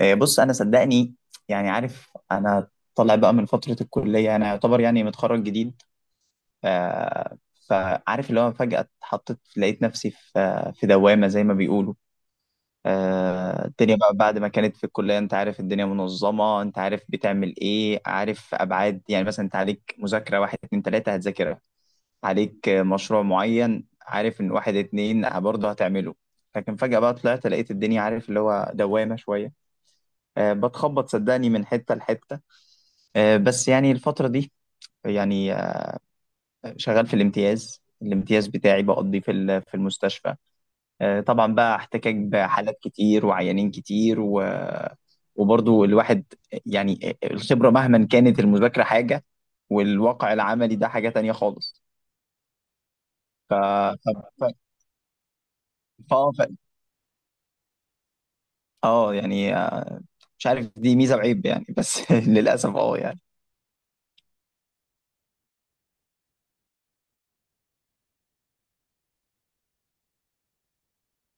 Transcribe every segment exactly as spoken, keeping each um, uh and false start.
آه، بص انا صدقني. يعني عارف انا طالع بقى من فتره الكليه، انا يعتبر يعني متخرج جديد. ف... فعارف اللي هو فجاه اتحطيت، لقيت نفسي في في دوامه زي ما بيقولوا. آه، الدنيا بقى بعد ما كانت في الكليه، انت عارف الدنيا منظمه، انت عارف بتعمل ايه، عارف ابعاد، يعني مثلا انت عليك مذاكره واحد اتنين تلاته هتذاكرها، عليك مشروع معين عارف ان واحد اتنين برضه هتعمله. لكن فجاه بقى طلعت لقيت الدنيا عارف اللي هو دوامه شويه. آه، بتخبط صدقني من حتة لحتة. آه، بس يعني الفترة دي يعني آه، شغال في الامتياز. الامتياز بتاعي بقضي في ال- في المستشفى. آه، طبعا بقى احتكاك بحالات كتير وعيانين كتير و وبرضو الواحد يعني آه، الخبرة مهما كانت المذاكرة حاجة، والواقع العملي ده حاجة تانية خالص. ف ف ف ف اه، ف- اه يعني آه، مش عارف دي ميزة وعيب يعني، بس للأسف اه يعني.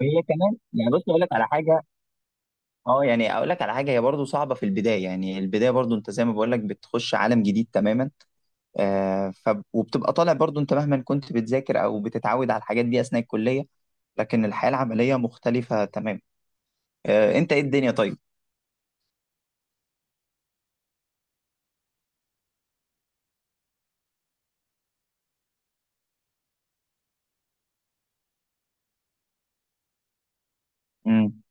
وهي كمان يعني بص اقول لك على حاجة. اه يعني اقول لك على حاجه، هي برضو صعبه في البدايه، يعني البدايه برضو انت زي ما بقول لك بتخش عالم جديد تماما. آه ف وبتبقى طالع برضو انت مهما كنت بتذاكر او بتتعود على الحاجات دي اثناء الكليه، لكن الحياه العمليه مختلفه تماما. آه انت ايه الدنيا؟ طيب. امم.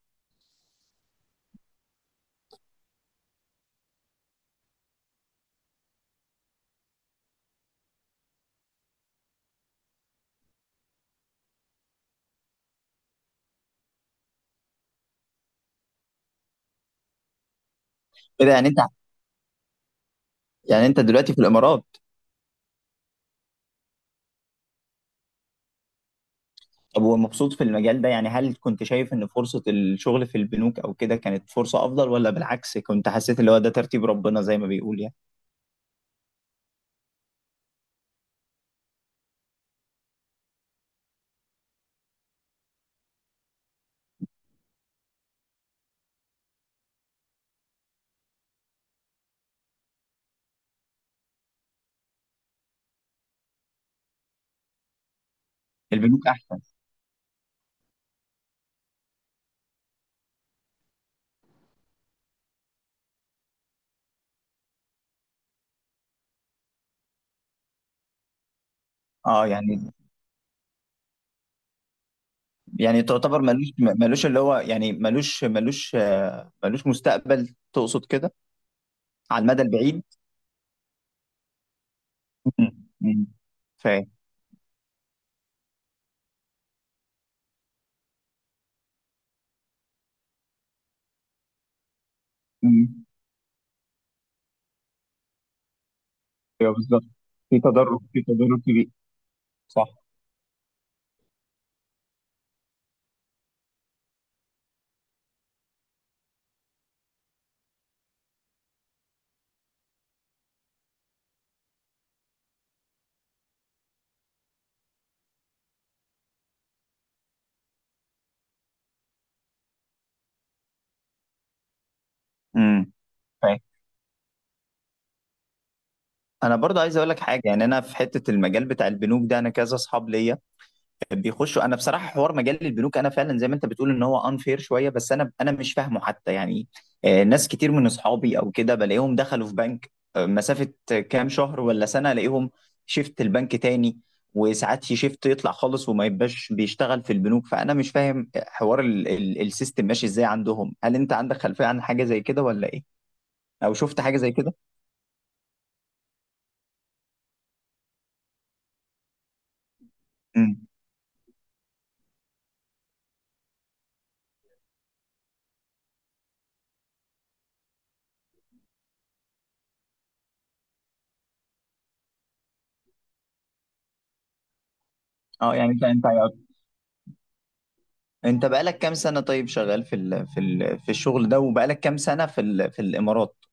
كده يعني انت، يعني انت دلوقتي في الامارات؟ طب ومبسوط في المجال ده؟ يعني هل كنت شايف ان فرصه الشغل في البنوك او كده كانت فرصه افضل، ولا بالعكس كنت حسيت اللي هو ده ترتيب ربنا زي ما بيقول يعني؟ البنوك احسن. اه يعني يعني تعتبر ملوش ملوش اللي هو يعني ملوش ملوش آه، ملوش مستقبل تقصد كده، على المدى البعيد؟ مم. مم. فاهم. مم. ايوه بالظبط. في تضرر في تضرر كبير. صح. امم. فاهم. انا برضه عايز اقول لك حاجه. يعني انا في حته المجال بتاع البنوك ده انا كذا اصحاب ليا بيخشوا. انا بصراحه حوار مجال البنوك انا فعلا زي ما انت بتقول ان هو انفير شويه، بس انا انا مش فاهمه حتى يعني. آه، ناس كتير من اصحابي او كده بلاقيهم دخلوا في بنك آه، مسافه كام شهر ولا سنه، الاقيهم شيفت البنك تاني، وساعات يشيفت يطلع خالص وما يبقاش بيشتغل في البنوك. فانا مش فاهم حوار ال- ال- السيستم ماشي ازاي عندهم، هل انت عندك خلفيه عن حاجه زي كده ولا ايه؟ او شفت حاجه زي كده؟ امم. اه يعني انت انت انت بقالك كام سنه طيب شغال في ال في ال في الشغل ده؟ وبقالك كام سنه في ال في الامارات؟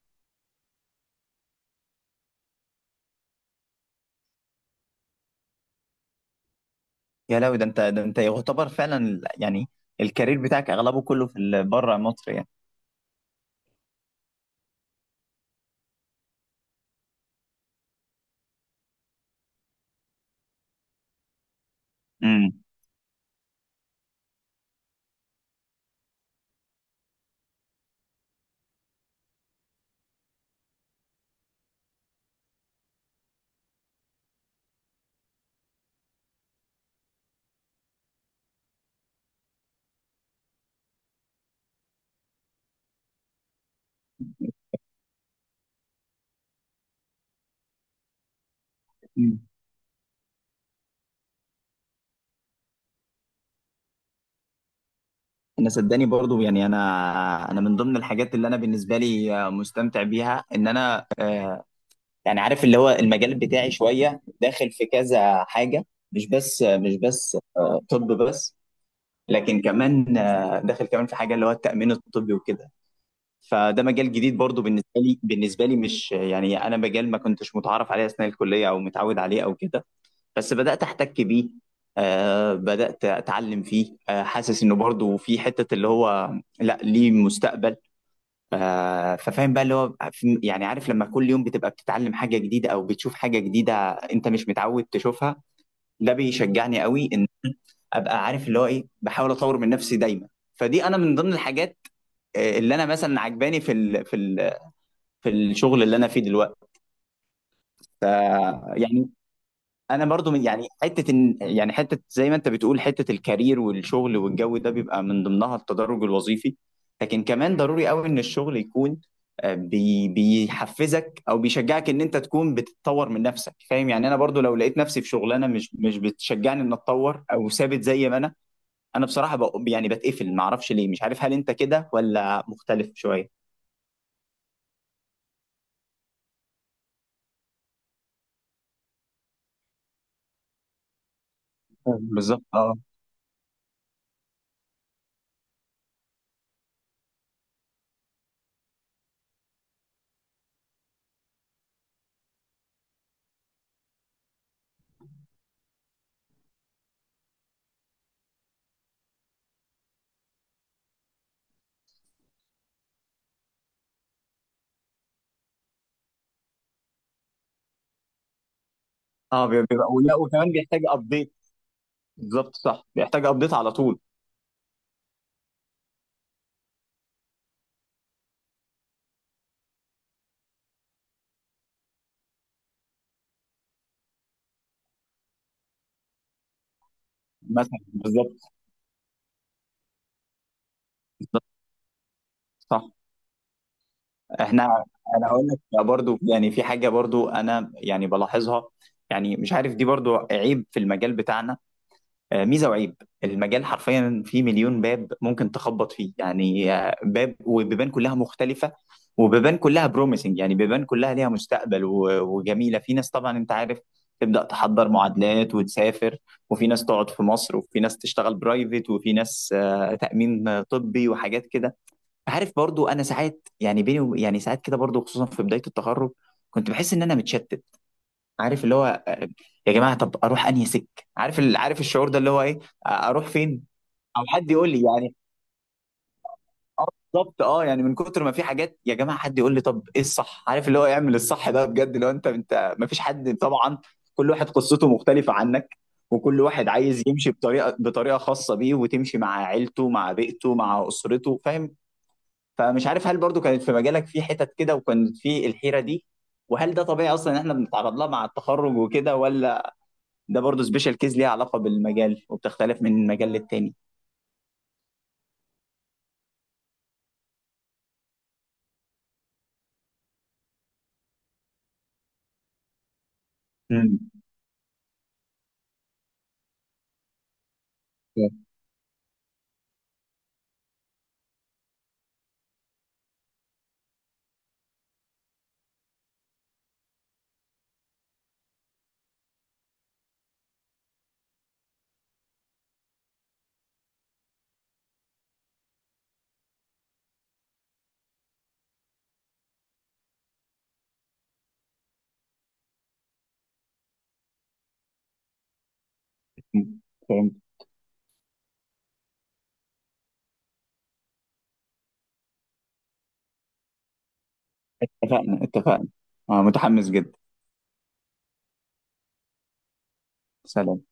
يا لهوي، ده انت، ده انت يعتبر فعلا ال- يعني الكارير بتاعك اغلبه كله في ال- بره مصر يعني. امم. امم. انا صدقني برضو يعني انا، انا من ضمن الحاجات اللي انا بالنسبه لي آه، مستمتع بيها ان انا يعني عارف اللي هو المجال بتاعي شويه داخل في كذا حاجه، مش بس مش بس آه، طب بس لكن كمان آه، داخل كمان في حاجه اللي هو التامين الطبي وكده. فده مجال جديد برضو بالنسبه لي بالنسبه لي مش يعني انا مجال ما كنتش متعرف عليه اثناء الكليه او متعود عليه او كده. بس بدأت احتك بيه، آه بدأت اتعلم فيه، آه حاسس انه برضو في حتة اللي هو لا، ليه مستقبل. آه ففاهم بقى اللي هو في- يعني عارف لما كل يوم بتبقى بتتعلم حاجة جديدة او بتشوف حاجة جديدة انت مش متعود تشوفها، ده بيشجعني قوي ان ابقى عارف اللي هو ايه، بحاول اطور من نفسي دايما. فدي انا من ضمن الحاجات آه، اللي انا مثلا عجباني في ال في ال في الشغل اللي انا فيه دلوقتي. ف- يعني انا برضو من يعني حته إن- يعني حته زي ما انت بتقول حته الكارير والشغل والجو ده بيبقى من ضمنها التدرج الوظيفي. لكن كمان ضروري قوي ان الشغل يكون آه، بي بيحفزك او بيشجعك ان انت تكون بتتطور من نفسك. فاهم يعني انا برضو لو لقيت نفسي في شغلانه مش مش بتشجعني ان اتطور او ثابت زي ما انا، انا بصراحه بق- يعني بتقفل ما اعرفش ليه. مش عارف هل انت كده ولا مختلف شويه؟ بالظبط اه. اه بيبقى، ولا وكمان بيحتاج ابديت. بالظبط صح، بيحتاج ابديت على طول. مثلا بالظبط. صح. احنا، انا هقول لك برضو يعني في حاجه برضو انا يعني بلاحظها، يعني مش عارف دي برضو عيب في المجال بتاعنا. آه، ميزه وعيب، المجال حرفيا فيه مليون باب ممكن تخبط فيه يعني. آه، باب وبيبان كلها مختلفه، وبيبان كلها بروميسنج، يعني بيبان كلها ليها مستقبل و- وجميله. في ناس طبعا انت عارف تبدا تحضر معادلات وتسافر، وفي ناس تقعد في مصر، وفي ناس تشتغل برايفت، وفي ناس آه، تامين طبي وحاجات كده. عارف برضو انا ساعات يعني بيني وب- يعني ساعات كده برضو خصوصا في بدايه التخرج كنت بحس ان انا متشتت. عارف اللي هو آه، يا جماعه طب اروح انهي سك؟ عارف ال- عارف الشعور ده اللي هو ايه؟ آه، اروح فين؟ او حد يقول لي يعني. اه بالظبط اه، يعني من كتر ما في حاجات يا جماعه حد يقول لي طب ايه الصح؟ عارف اللي هو يعمل الصح ده بجد؟ لو انت انت ما فيش حد طبعا، كل واحد قصته مختلفه عنك، وكل واحد عايز يمشي بطريقه بطريقه خاصه بيه، وتمشي مع عيلته مع بيئته مع اسرته. فاهم؟ فمش عارف هل برضو كانت في مجالك في حتت كده وكانت في الحيرة دي؟ وهل ده طبيعي اصلا ان احنا بنتعرض لها مع التخرج وكده، ولا ده برضو سبيشال كيز ليها علاقة بالمجال وبتختلف من مجال للتاني؟ امم. فهمت. فهمت. اتفقنا اتفقنا. آه، متحمس جدا. سلام.